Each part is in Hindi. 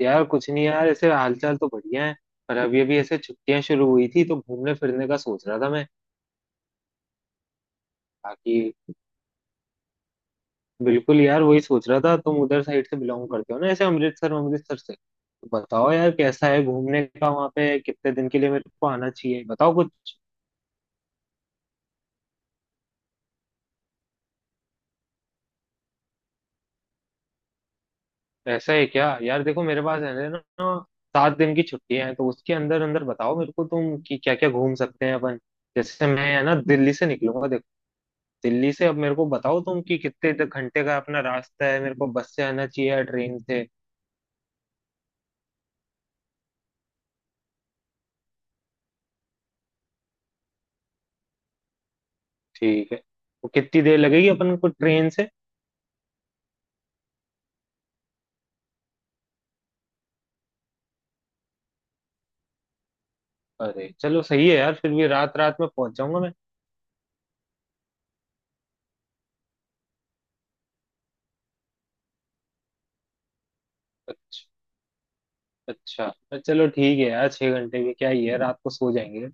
यार कुछ नहीं यार, ऐसे हालचाल तो बढ़िया है। पर अब ये भी ऐसे छुट्टियां शुरू हुई थी तो घूमने फिरने का सोच रहा था मैं। बाकी बिल्कुल यार वही सोच रहा था। तुम उधर साइड से बिलोंग करते हो ना ऐसे अमृतसर अमृतसर से, तो बताओ यार कैसा है घूमने का वहाँ पे। कितने दिन के लिए मेरे को आना चाहिए बताओ कुछ। ऐसा है क्या यार। देखो मेरे पास है ना 7 दिन की छुट्टियां हैं, तो उसके अंदर अंदर बताओ मेरे को तुम कि क्या क्या घूम सकते हैं अपन। जैसे मैं है ना दिल्ली से निकलूंगा। दिल्ली से अब मेरे को बताओ तुम कि कितने घंटे का अपना रास्ता है। मेरे को बस से आना चाहिए या ट्रेन से। ठीक है, तो कितनी देर लगेगी अपन को ट्रेन से। अरे चलो सही है यार, फिर भी रात रात में पहुंच जाऊंगा मैं। अच्छा। अच्छा पर चलो ठीक है यार, 6 घंटे भी क्या ही है, रात को सो जाएंगे।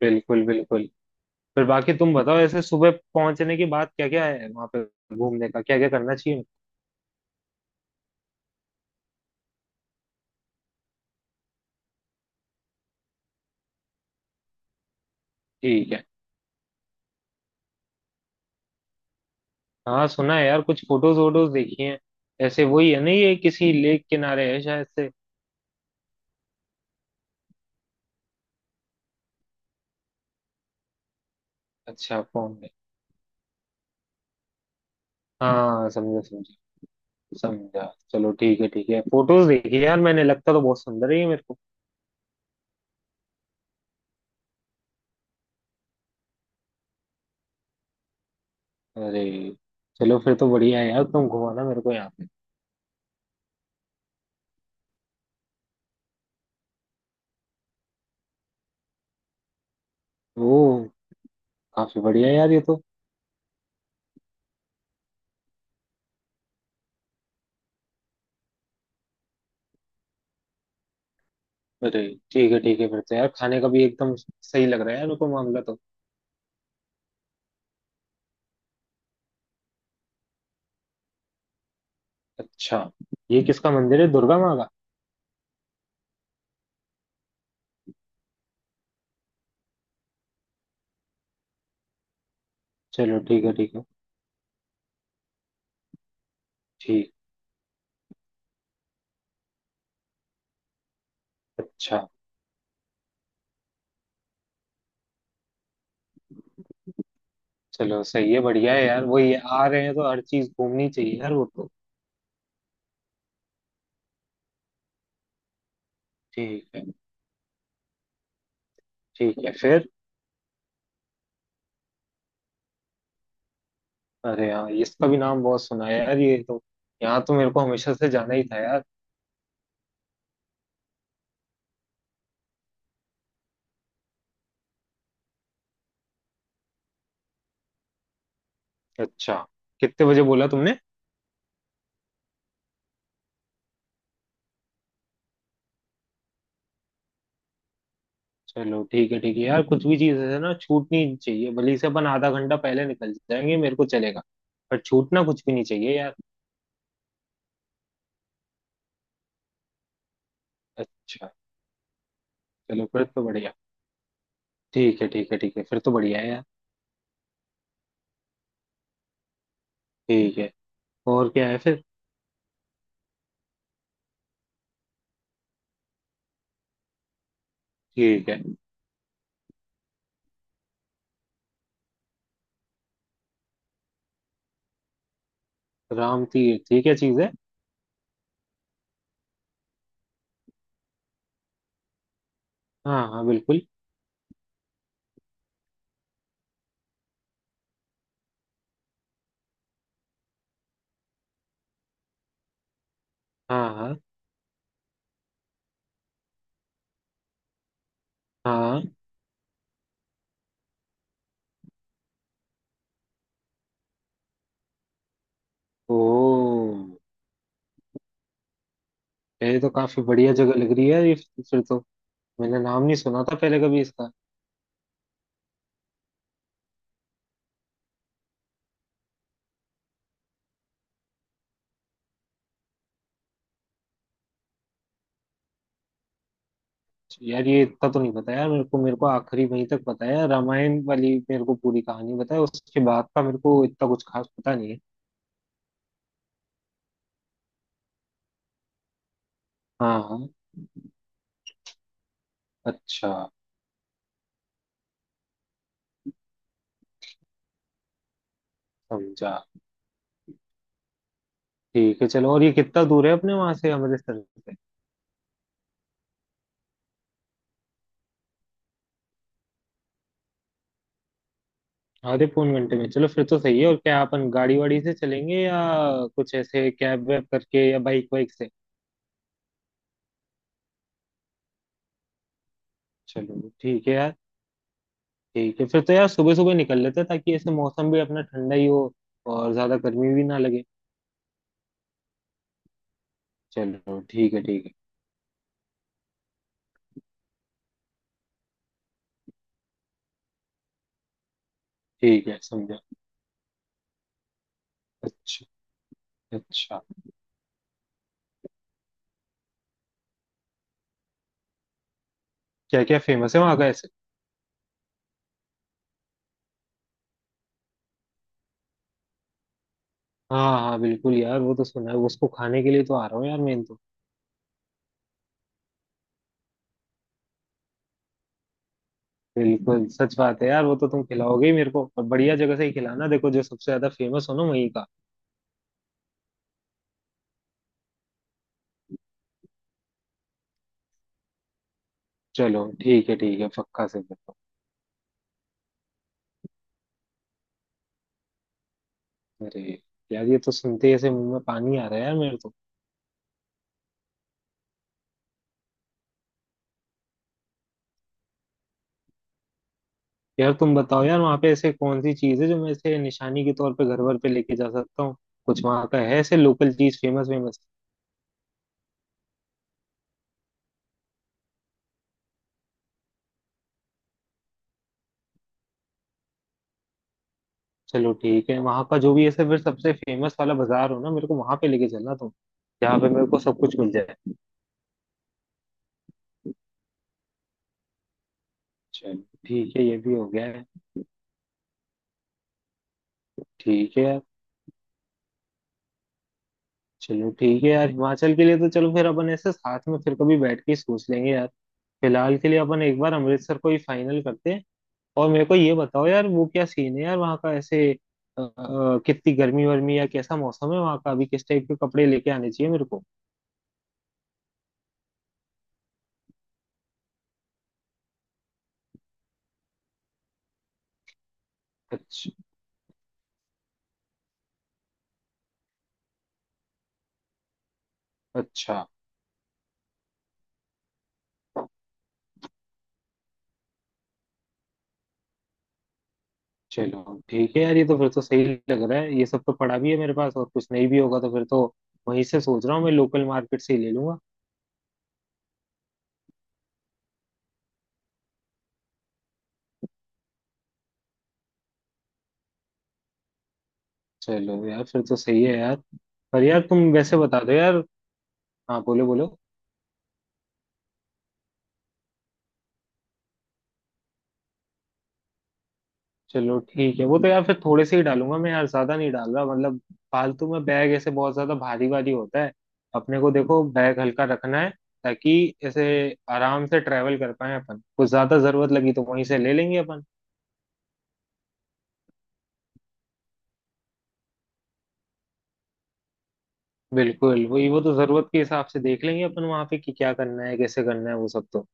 बिल्कुल बिल्कुल। फिर बाकी तुम बताओ ऐसे सुबह पहुंचने के बाद क्या क्या है वहां पे। घूमने का क्या क्या करना चाहिए। ठीक है। हाँ सुना है यार, कुछ फोटोज वोटोज देखी हैं। ऐसे वही है ना, ये किसी लेक किनारे है शायद से। अच्छा। फोन। हाँ समझा समझा। समझा। चलो ठीक है ठीक है। फोटोज देखी यार मैंने, लगता तो बहुत सुंदर ही है मेरे को। अरे। चलो फिर तो बढ़िया है यार, तुम घुमाना मेरे को यहाँ पे। ओ। काफी बढ़िया है यार ये तो। अरे। ठीक है ठीक है, फिर तो यार खाने का भी एकदम सही लग रहा है यार मेरे को मामला तो। अच्छा। ये किसका मंदिर है, दुर्गा माँ का। चलो ठीक है ठीक है। ठीक। अच्छा। चलो सही है, बढ़िया है यार, वही है, आ रहे हैं तो हर चीज घूमनी चाहिए यार वो तो। ठीक है। ठीक है फिर। अरे यार इसका भी नाम बहुत सुना है यार ये तो। यहाँ तो मेरे को हमेशा से जाना ही था यार। अच्छा। कितने बजे बोला तुमने। चलो ठीक है यार, कुछ भी चीज है ना छूटनी चाहिए, भले से अपन आधा घंटा पहले निकल जाएंगे मेरे को चलेगा। पर छूटना कुछ भी नहीं चाहिए यार। अच्छा। चलो फिर तो बढ़िया। ठीक है ठीक है ठीक है, फिर तो बढ़िया है यार। ठीक है। और क्या है फिर। ठीक है। राम तीर्थ ये क्या चीज है। हाँ हाँ बिल्कुल। हाँ हाँ। हाँ। ओ। ये तो काफी बढ़िया जगह लग रही है ये फिर तो। मैंने नाम नहीं सुना था पहले कभी इसका। यार ये इतना तो नहीं पता यार, मेरे को आखिरी वहीं तक पता है, रामायण वाली मेरे को पूरी कहानी पता है, उसके बाद का मेरे को इतना कुछ खास पता नहीं है। हाँ हाँ। अच्छा। समझा। ठीक है चलो, और ये कितना दूर है अपने वहां से अमृतसर से। आधे पौन घंटे में, चलो फिर तो सही है। और क्या अपन गाड़ी वाड़ी से चलेंगे या कुछ ऐसे कैब वैब करके या बाइक वाइक से। चलो ठीक है यार। ठीक है फिर तो यार, सुबह सुबह निकल लेते हैं ताकि ऐसे मौसम भी अपना ठंडा ही हो और ज्यादा गर्मी भी ना लगे। चलो ठीक है ठीक है। ठीक है समझा। अच्छा। अच्छा। क्या क्या फेमस है वहाँ का ऐसे। हाँ हाँ बिल्कुल यार, वो तो सुना है, उसको खाने के लिए तो आ रहा हूँ यार मैं तो। बिल्कुल सच बात है यार, वो तो तुम खिलाओगे ही मेरे को, और बढ़िया जगह से ही खिलाना, देखो जो सबसे ज्यादा फेमस हो ना वहीं का। चलो ठीक है ठीक है, पक्का से बताओ। अरे। यार ये तो सुनते ही ऐसे मुंह में पानी आ रहा है यार मेरे तो। यार तुम बताओ यार, वहाँ पे ऐसे कौन सी चीज है जो मैं ऐसे निशानी के तौर पे घर भर पे लेके जा सकता हूँ। कुछ वहाँ का है ऐसे लोकल चीज फेमस वेमस। चलो ठीक है, वहां का जो भी ऐसे फिर सबसे फेमस वाला बाजार हो ना, मेरे को वहां पे लेके चलना तुम। जहाँ पे मेरे को सब कुछ मिल जाए। चलो ठीक है, ये भी हो गया है। ठीक है यार। चलो ठीक है यार, हिमाचल के लिए तो चलो फिर अपन ऐसे साथ में फिर कभी बैठ के ही सोच लेंगे यार। फिलहाल के लिए अपन एक बार अमृतसर को ही फाइनल करते हैं। और मेरे को ये बताओ यार, वो क्या सीन है यार वहाँ का ऐसे। कितनी गर्मी वर्मी या कैसा मौसम है वहाँ का अभी, किस टाइप के कपड़े लेके आने चाहिए मेरे को। अच्छा। अच्छा। चलो ठीक है यार, ये तो फिर तो सही लग रहा है, ये सब तो पड़ा भी है मेरे पास, और कुछ नहीं भी होगा तो फिर तो वहीं से सोच रहा हूँ मैं, लोकल मार्केट से ही ले लूंगा। चलो यार फिर तो सही है यार। पर यार तुम वैसे बता दो यार। हाँ बोलो बोलो। चलो ठीक है, वो तो यार फिर थोड़े से ही डालूंगा मैं यार, ज्यादा नहीं डाल रहा, मतलब फालतू में बैग ऐसे बहुत ज्यादा भारी भारी होता है। अपने को देखो बैग हल्का रखना है, ताकि ऐसे आराम से ट्रेवल कर पाए अपन, कुछ ज्यादा जरूरत लगी तो वहीं से ले लेंगे अपन। बिल्कुल वही, वो तो जरूरत के हिसाब से देख लेंगे अपन वहां पे कि क्या करना है कैसे करना है वो सब तो।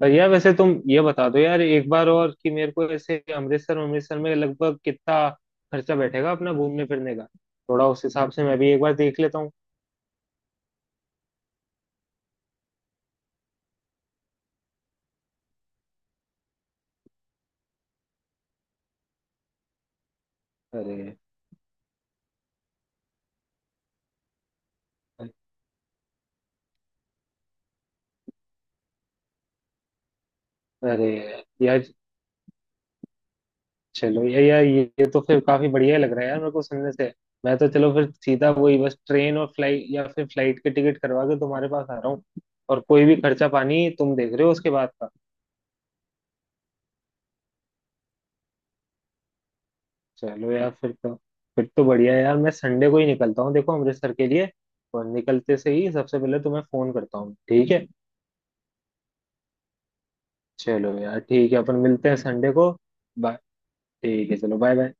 पर यार वैसे तुम ये बता दो यार एक बार और, कि मेरे को ऐसे अमृतसर अमृतसर में लगभग कितना खर्चा बैठेगा अपना घूमने फिरने का। थोड़ा उस हिसाब से मैं भी एक बार देख लेता हूँ। अरे। अरे यार। चलो यार यार, ये तो फिर काफी बढ़िया लग रहा है यार मेरे को सुनने से। मैं तो चलो फिर सीधा वही बस ट्रेन और फ्लाइट, या फिर फ्लाइट के टिकट करवा के तुम्हारे पास आ रहा हूँ। और कोई भी खर्चा पानी तुम देख रहे हो उसके बाद का। चलो यार फिर तो बढ़िया है यार, मैं संडे को ही निकलता हूँ देखो अमृतसर के लिए। और निकलते से ही सबसे पहले तुम्हें फोन करता हूँ, ठीक है। चलो यार ठीक है, अपन मिलते हैं संडे को। बाय। ठीक है चलो, बाय बाय।